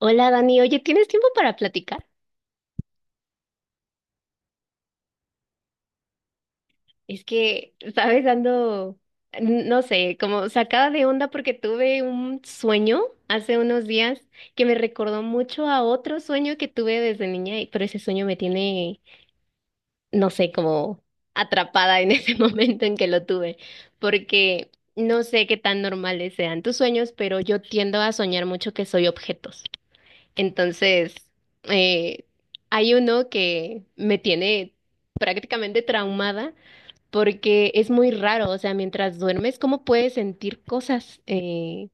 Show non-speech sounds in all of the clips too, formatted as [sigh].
Hola Dani, oye, ¿tienes tiempo para platicar? Es que, sabes, ando, no sé, como sacada de onda porque tuve un sueño hace unos días que me recordó mucho a otro sueño que tuve desde niña, pero ese sueño me tiene, no sé, como atrapada en [laughs] ese momento en que lo tuve, porque no sé qué tan normales sean tus sueños, pero yo tiendo a soñar mucho que soy objetos. Entonces, eh, hay uno que me tiene prácticamente traumada porque es muy raro, o sea, mientras duermes, ¿cómo puedes sentir cosas?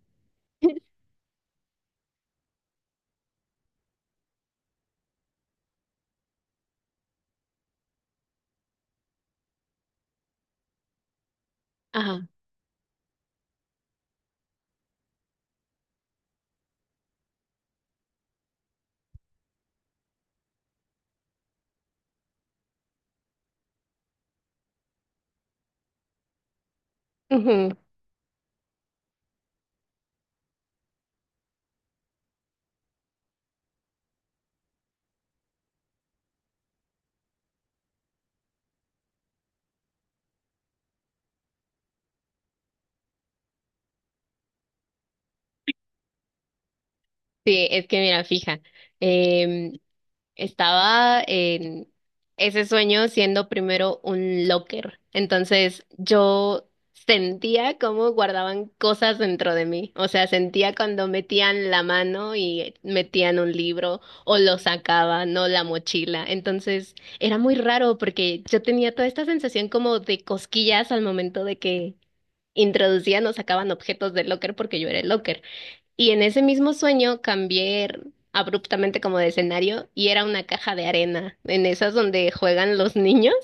Ajá. Ujú. Sí, es que mira, fija, em, estaba en ese sueño siendo primero un locker. Entonces yo sentía cómo guardaban cosas dentro de mí. O sea, sentía cuando metían la mano y metían un libro o lo sacaban no la mochila. Entonces era muy raro porque yo tenía toda esta sensación como de cosquillas al momento de que introducían o sacaban objetos del locker porque yo era el locker. Y en ese mismo sueño cambié abruptamente como de escenario y era una caja de arena, en esas donde juegan los niños.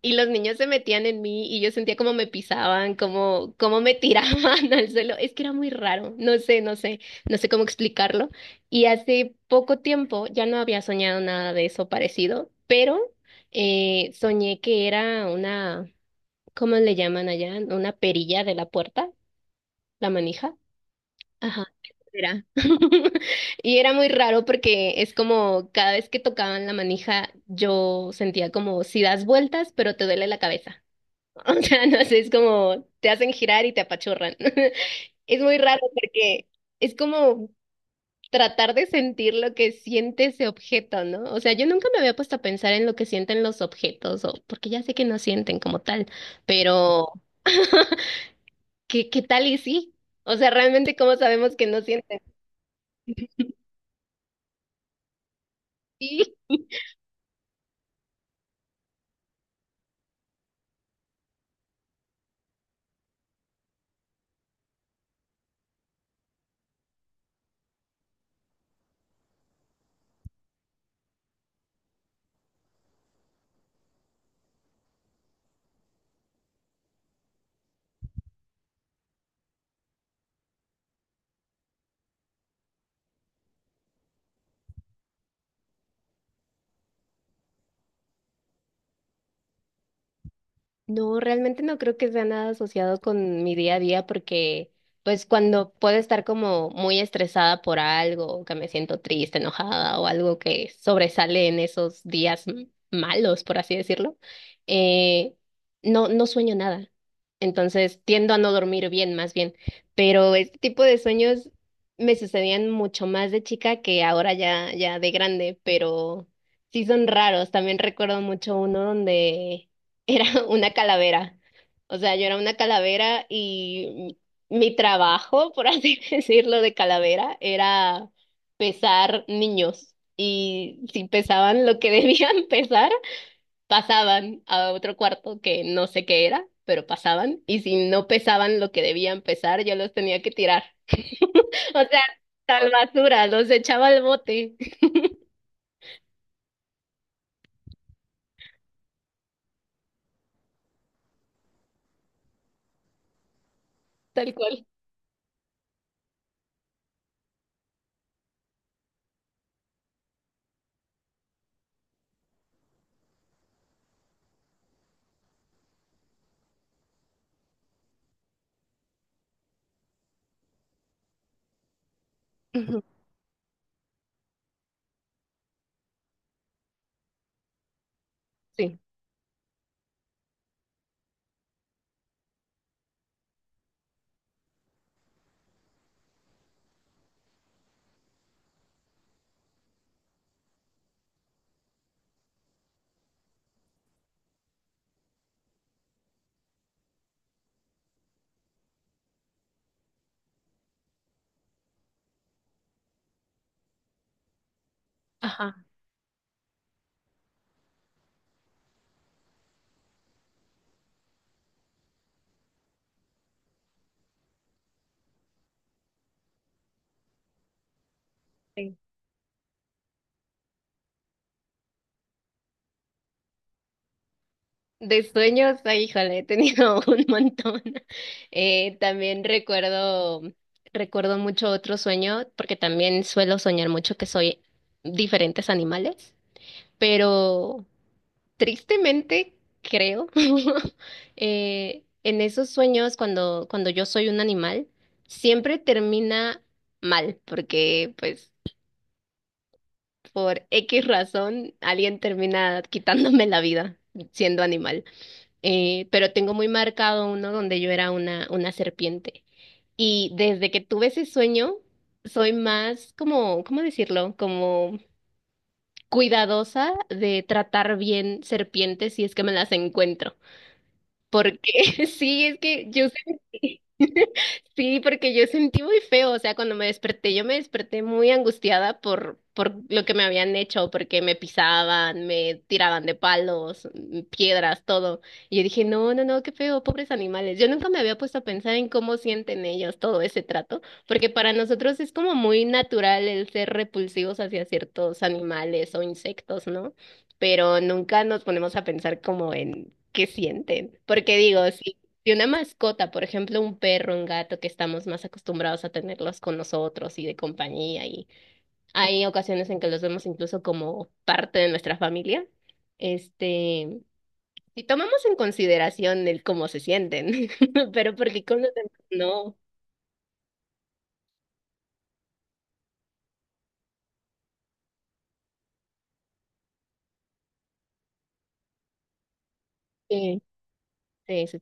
Y los niños se metían en mí y yo sentía como me pisaban, como, me tiraban [laughs] al suelo. Es que era muy raro, no sé, no sé cómo explicarlo. Y hace poco tiempo ya no había soñado nada de eso parecido, pero soñé que era una, ¿cómo le llaman allá? Una perilla de la puerta, la manija. Ajá, era. [laughs] Y era muy raro porque es como cada vez que tocaban la manija, yo sentía como si das vueltas, pero te duele la cabeza. [laughs] O sea, no sé, es como te hacen girar y te apachurran. [laughs] Es muy raro porque es como tratar de sentir lo que siente ese objeto, ¿no? O sea, yo nunca me había puesto a pensar en lo que sienten los objetos, o porque ya sé que no sienten como tal, pero [laughs] ¿qué, qué tal y sí? O sea, realmente, ¿cómo sabemos que no sienten? Sí. No, realmente no creo que sea nada asociado con mi día a día porque pues cuando puedo estar como muy estresada por algo, o que me siento triste, enojada o algo que sobresale en esos días malos, por así decirlo, eh, no, no sueño nada. Entonces tiendo a no dormir bien, más bien. Pero este tipo de sueños me sucedían mucho más de chica que ahora ya, ya de grande, pero sí son raros. También recuerdo mucho uno donde era [laughs] una calavera. O sea, yo era una calavera y mi trabajo, por así [laughs] decirlo, de calavera era pesar niños. Y si pesaban lo que [laughs] debían pesar, pasaban a otro cuarto que no sé qué era, pero pasaban. Y si no pesaban lo que debían pesar, yo los tenía que tirar. [laughs] O sea, tal basura, los echaba al bote. [laughs] Tal cual. Ujú. Sí. Ajá. Sí. De sueños, ay, híjole, he tenido [laughs] un montón. También recuerdo mucho otro sueño, porque también suelo soñar mucho que soy diferentes animales, pero tristemente creo, [laughs] en esos sueños cuando yo soy un animal, siempre termina mal, porque pues por X razón alguien termina quitándome la vida siendo animal, pero tengo muy marcado uno donde yo era una serpiente. Y desde que tuve ese sueño, soy más como, ¿cómo decirlo? Como cuidadosa de tratar bien serpientes si es que me las encuentro. Porque [laughs] sí, es que yo sentí, [laughs] sí, porque yo sentí muy feo, o sea, cuando me desperté, yo me desperté muy angustiada por lo que me habían hecho, porque me pisaban, me tiraban de palos, piedras, todo. Y yo dije, no, no, no, qué feo, pobres animales. Yo nunca me había puesto a pensar en cómo sienten ellos todo ese trato, porque para nosotros es como muy natural el ser repulsivos hacia ciertos animales o insectos, ¿no? Pero nunca nos ponemos a pensar como en qué sienten. Porque digo, si una mascota, por ejemplo, un perro, un gato, que estamos más acostumbrados a tenerlos con nosotros y de compañía, y hay ocasiones en que los vemos incluso como parte de nuestra familia, este, si tomamos en consideración el cómo se sienten, [laughs] pero porque con los demás no. Sí, sí, sí.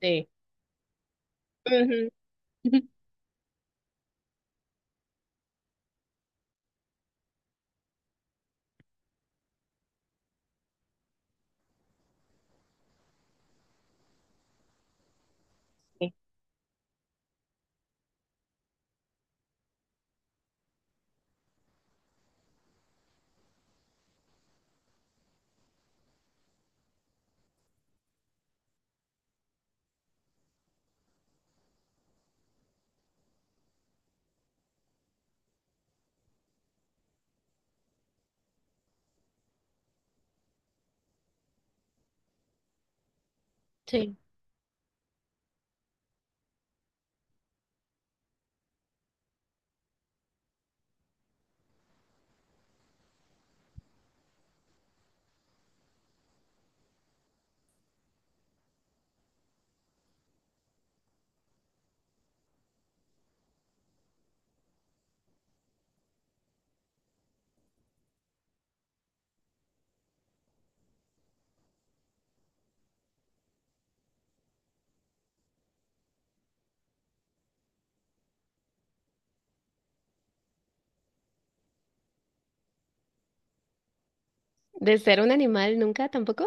Sí. Ujú. [laughs] Sí. Sí. De ser un animal nunca tampoco.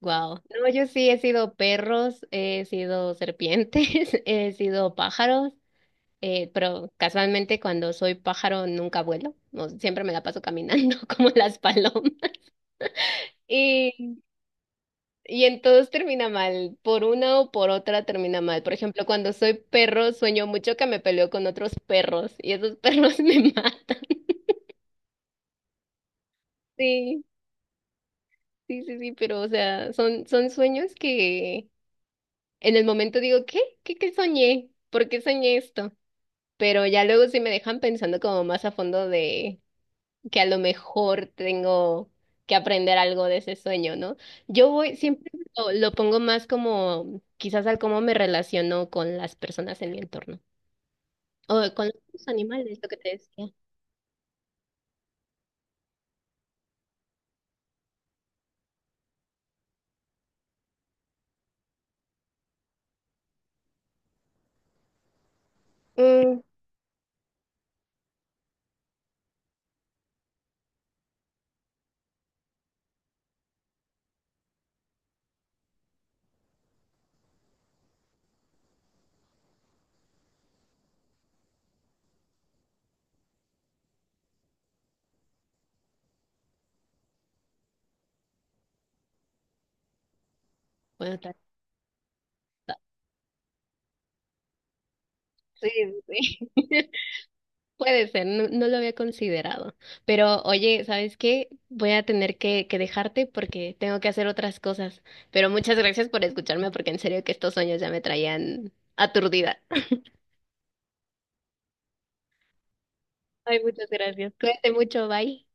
Wow. No, yo sí he sido perros, he sido serpientes, [laughs] he sido pájaros, pero casualmente cuando soy pájaro nunca vuelo, no, siempre me la paso caminando [laughs] como las palomas. Y, en todos termina mal, por una o por otra termina mal. Por ejemplo, cuando soy perro sueño mucho que me peleo con otros perros y esos perros [laughs] me matan. Sí, sí, sí, sí, pero o sea, son, son sueños que en el momento digo, ¿qué? ¿Qué, qué soñé? ¿Por qué soñé esto? Pero ya luego sí me dejan pensando como más a fondo de que a lo mejor tengo que aprender algo de ese sueño, ¿no? Yo voy, siempre lo pongo más como quizás al cómo me relaciono con las personas en mi entorno o con los animales, lo que te decía. Mm. Bueno, ta- sí, sí. [laughs] Puede ser, no, no lo había considerado. Pero oye, ¿sabes qué? Voy a tener que dejarte porque tengo que hacer otras cosas. Pero muchas gracias por escucharme porque en serio que estos sueños ya me traían aturdida. Ay, muchas gracias. Cuídate mucho, bye.